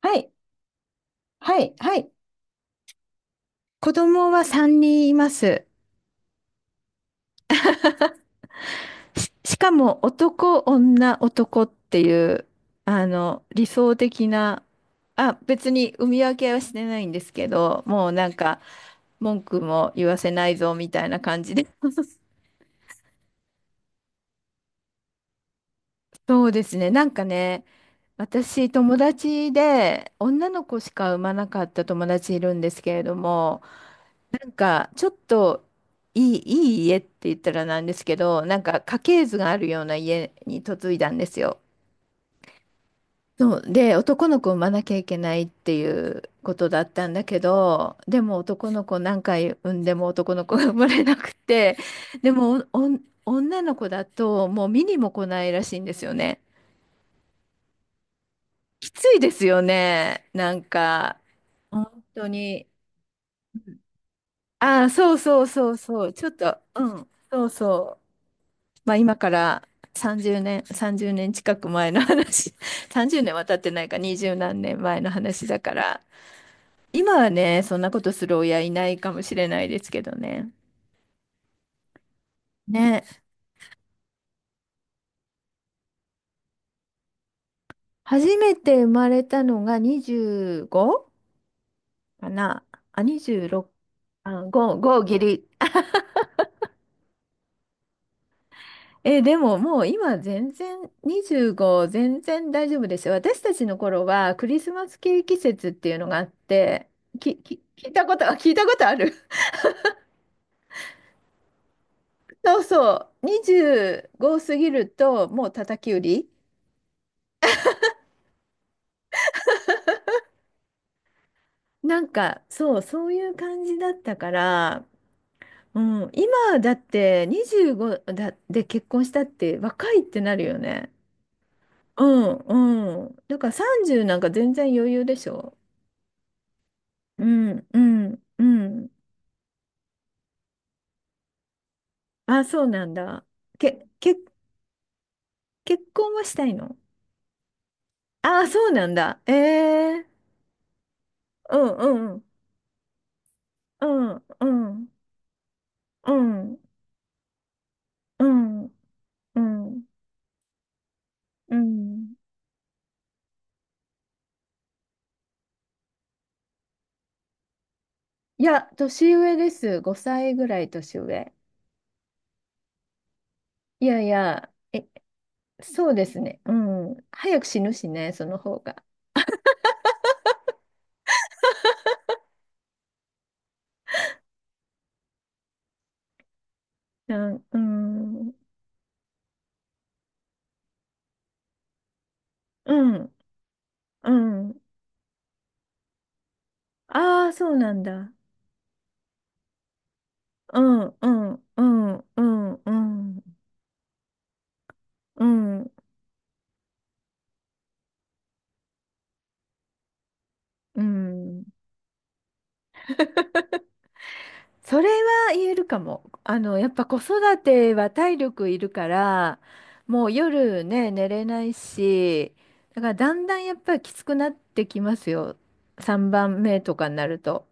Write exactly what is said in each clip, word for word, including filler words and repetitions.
はい、はい、はい。子供はさんにんいます。し、しかも男、女、男っていう、あの、理想的な。あ、別に産み分けはしてないんですけど、もうなんか、文句も言わせないぞみたいな感じで。そうですね、なんかね、私、友達で、女の子しか産まなかった友達いるんですけれども、なんか、ちょっといい、いい家って言ったらなんですけど、なんか家系図があるような家に嫁いだんですよ。そう、で、男の子を産まなきゃいけないっていうことだったんだけど、でも男の子何回産んでも男の子が生まれなくて、でもおん女の子だともう見にも来ないらしいんですよね。きついですよね。なんか、本当に。ああ、そうそうそうそう。ちょっと、うん、そうそう。まあ今からさんじゅうねん、さんじゅうねん近く前の話、さんじゅうねんは経ってないか、にじゅう何年前の話だから、今はね、そんなことする親いないかもしれないですけどね。ね、初めて生まれたのが にじゅうご? かなあ、にじゅうろく、あ、ご、ごギリ。え、でももう今全然にじゅうご全然大丈夫ですよ。私たちの頃はクリスマスケーキ節っていうのがあって、き、き、聞いたこと、あ聞いたことある。そうそう、にじゅうご過ぎるともう叩き売り。なんかそう、そういう感じだったから、うん、今だってにじゅうごだで結婚したって若いってなるよね。うんうん。だからさんじゅうなんか全然余裕でしょ。うんうんうん。あ、そうなんだ。け、け、結婚はしたいの？あ、そうなんだ。ええ、うんうんうんうんうんうんうん。うん。いや、年上です。ごさいぐらい年上。いやいや、え、そうですね。うん。早く死ぬしね、その方が。うん、うん、うん、うん。ああ、そうなんだ。うん、うん、うん、うん、うん、うん、うん。それは言えるかも。あの、やっぱ子育ては体力いるから、もう夜ね、寝れないし、だからだんだんやっぱりきつくなってきますよ。さんばんめとかになると。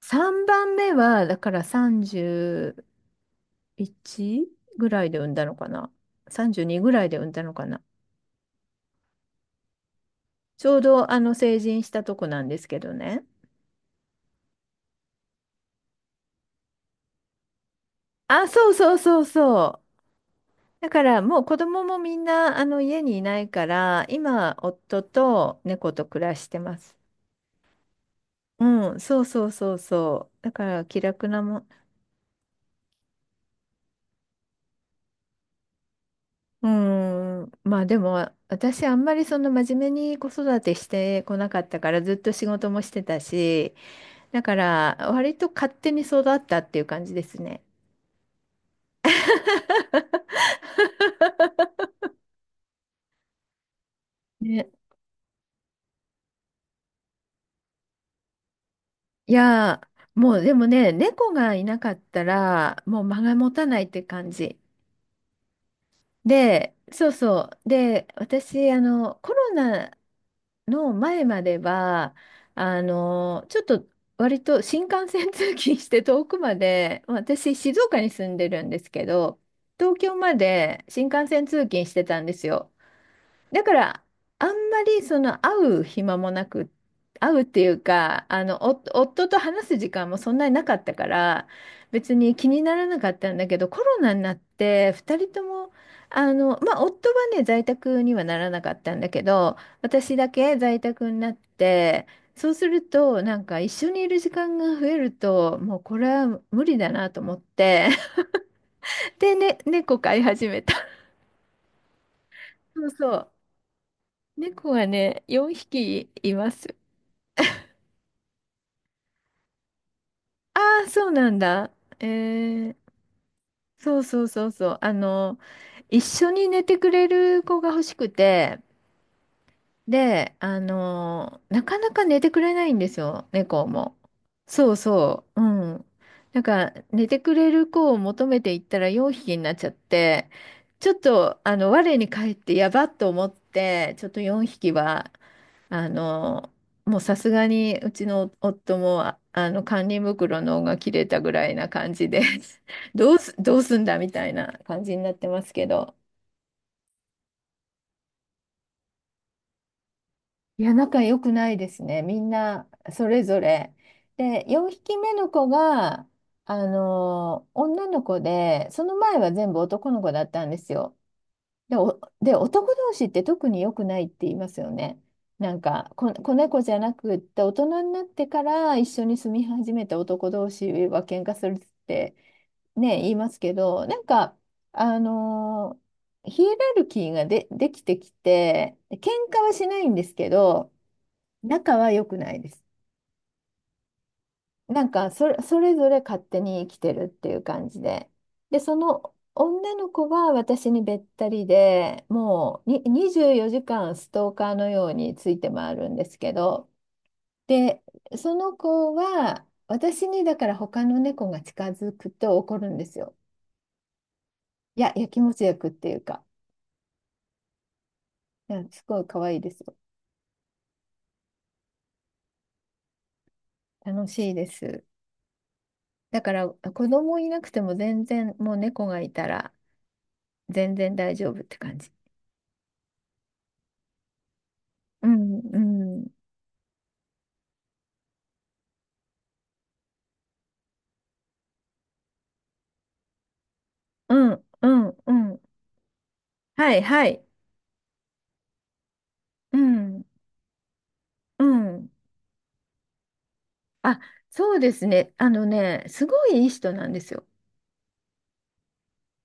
さんばんめは、だからさんじゅういちぐらいで産んだのかな。さんじゅうにぐらいで産んだのかな。ちょうどあの成人したとこなんですけどね。あ、そうそうそうそう。だからもう子供もみんなあの家にいないから今夫と猫と暮らしてます。うん、そうそうそうそう。だから気楽なもん。うん、まあでも私あんまりその真面目に子育てしてこなかったからずっと仕事もしてたし、だから割と勝手に育ったっていう感じですね。ね、いやー、もうでもね、猫がいなかったらもう間が持たないって感じ。で、そうそう。で、私、あの、コロナの前までは、あの、ちょっと割と新幹線通勤して遠くまで、まあ私、静岡に住んでるんですけど、東京まで新幹線通勤してたんですよ。だから、あんまりその会う暇もなく、会うっていうか、あの、お夫と話す時間もそんなになかったから、別に気にならなかったんだけど、コロナになって、ふたりとも、あの、まあ、夫はね、在宅にはならなかったんだけど、私だけ在宅になって、そうすると、なんか一緒にいる時間が増えると、もうこれは無理だなと思って、で、ね、猫飼い始めた。そうそう。猫がね、よんひきいます。ああ、そうなんだ。えー、そうそうそうそう。あの、一緒に寝てくれる子が欲しくて、で、あの、なかなか寝てくれないんですよ、猫も。そうそう、うん。なんか、寝てくれる子を求めていったらよんひきになっちゃって、ちょっと、あの、我に返ってやばっと思って、ちょっとよんひきはあの、もうさすがにうちの夫も、あ、あの、管理袋の緒が切れたぐらいな感じで。 どうす、どうすんだみたいな感じになってますけど、いや、仲良くないですね。みんなそれぞれ。で、よんひきめの子が、あの、女の子で、その前は全部男の子だったんですよ。で、お、で、男同士って特に良くないって言いますよね。なんか、こ、子猫じゃなくって、大人になってから一緒に住み始めた男同士は喧嘩するってね、言いますけど、なんか、あのーヒエラルキーがで、できてきて、喧嘩はしないんですけど、仲は良くないです。なんかそれ、それぞれ勝手に生きてるっていう感じで。で、その女の子は私にべったりで、もうににじゅうよじかんストーカーのようについて回るんですけど、で、その子は私にだから他の猫が近づくと怒るんですよ。いや、やきもち焼くっていうか、いや、すごい可愛いですよ。楽しいです。だから子供いなくても全然もう猫がいたら全然大丈夫って感じ。うんうん。うん、うん、うん。はい、はい。うん、うん。あ、そうですね。あのね、すごいいい人なんですよ。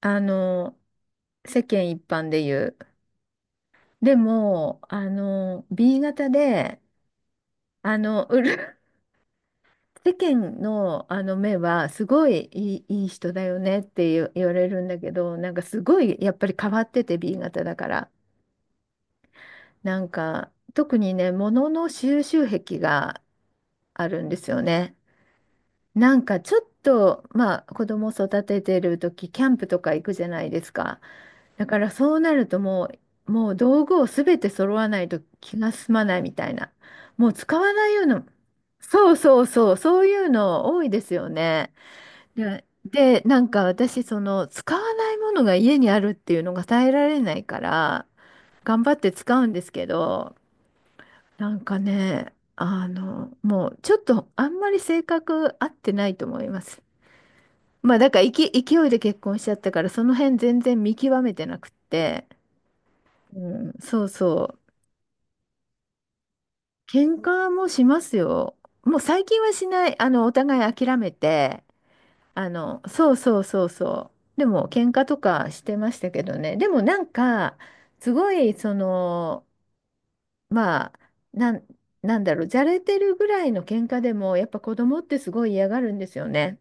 あの、世間一般で言う。でも、あの、B 型で、あの、うる、世間の、あの目は、すごいいい、いい人だよねって言う言われるんだけど、なんかすごい、やっぱり変わってて B 型だから。なんか、特にね、物の収集癖があるんですよね。なんかちょっと、まあ子供育ててる時、キャンプとか行くじゃないですか。だからそうなるともう、もう道具をすべて揃わないと気が済まないみたいな。もう使わないような、そうそうそう、そういうの多いですよね。で、で、なんか私、その使わないものが家にあるっていうのが耐えられないから、頑張って使うんですけど、なんかね、あの、もうちょっとあんまり性格合ってないと思います。まあだから勢い勢いで結婚しちゃったからその辺全然見極めてなくって、うん、そうそう。喧嘩もしますよ。もう最近はしない。あのお互い諦めて、あのそうそうそうそう。でも喧嘩とかしてましたけどね。でもなんかすごい、そのまあ、なん、なんだろう、じゃれてるぐらいの喧嘩でもやっぱ子供ってすごい嫌がるんですよね。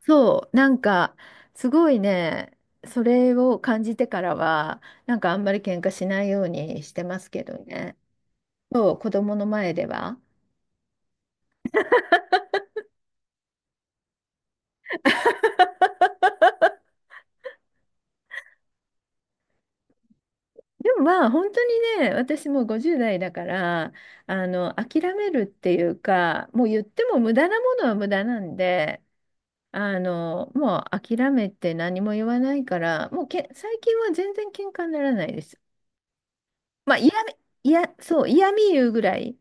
そう、なんか、すごいね、それを感じてからは、なんかあんまり喧嘩しないようにしてますけどね。そう、子供の前では。でもまあ、本当にね、私もうごじゅう代だから、あの、諦めるっていうか、もう言っても無駄なものは無駄なんで、あの、もう諦めて何も言わないから、もうけ、最近は全然喧嘩にならないです。まあ、嫌み、嫌、そう、嫌味言うぐらい。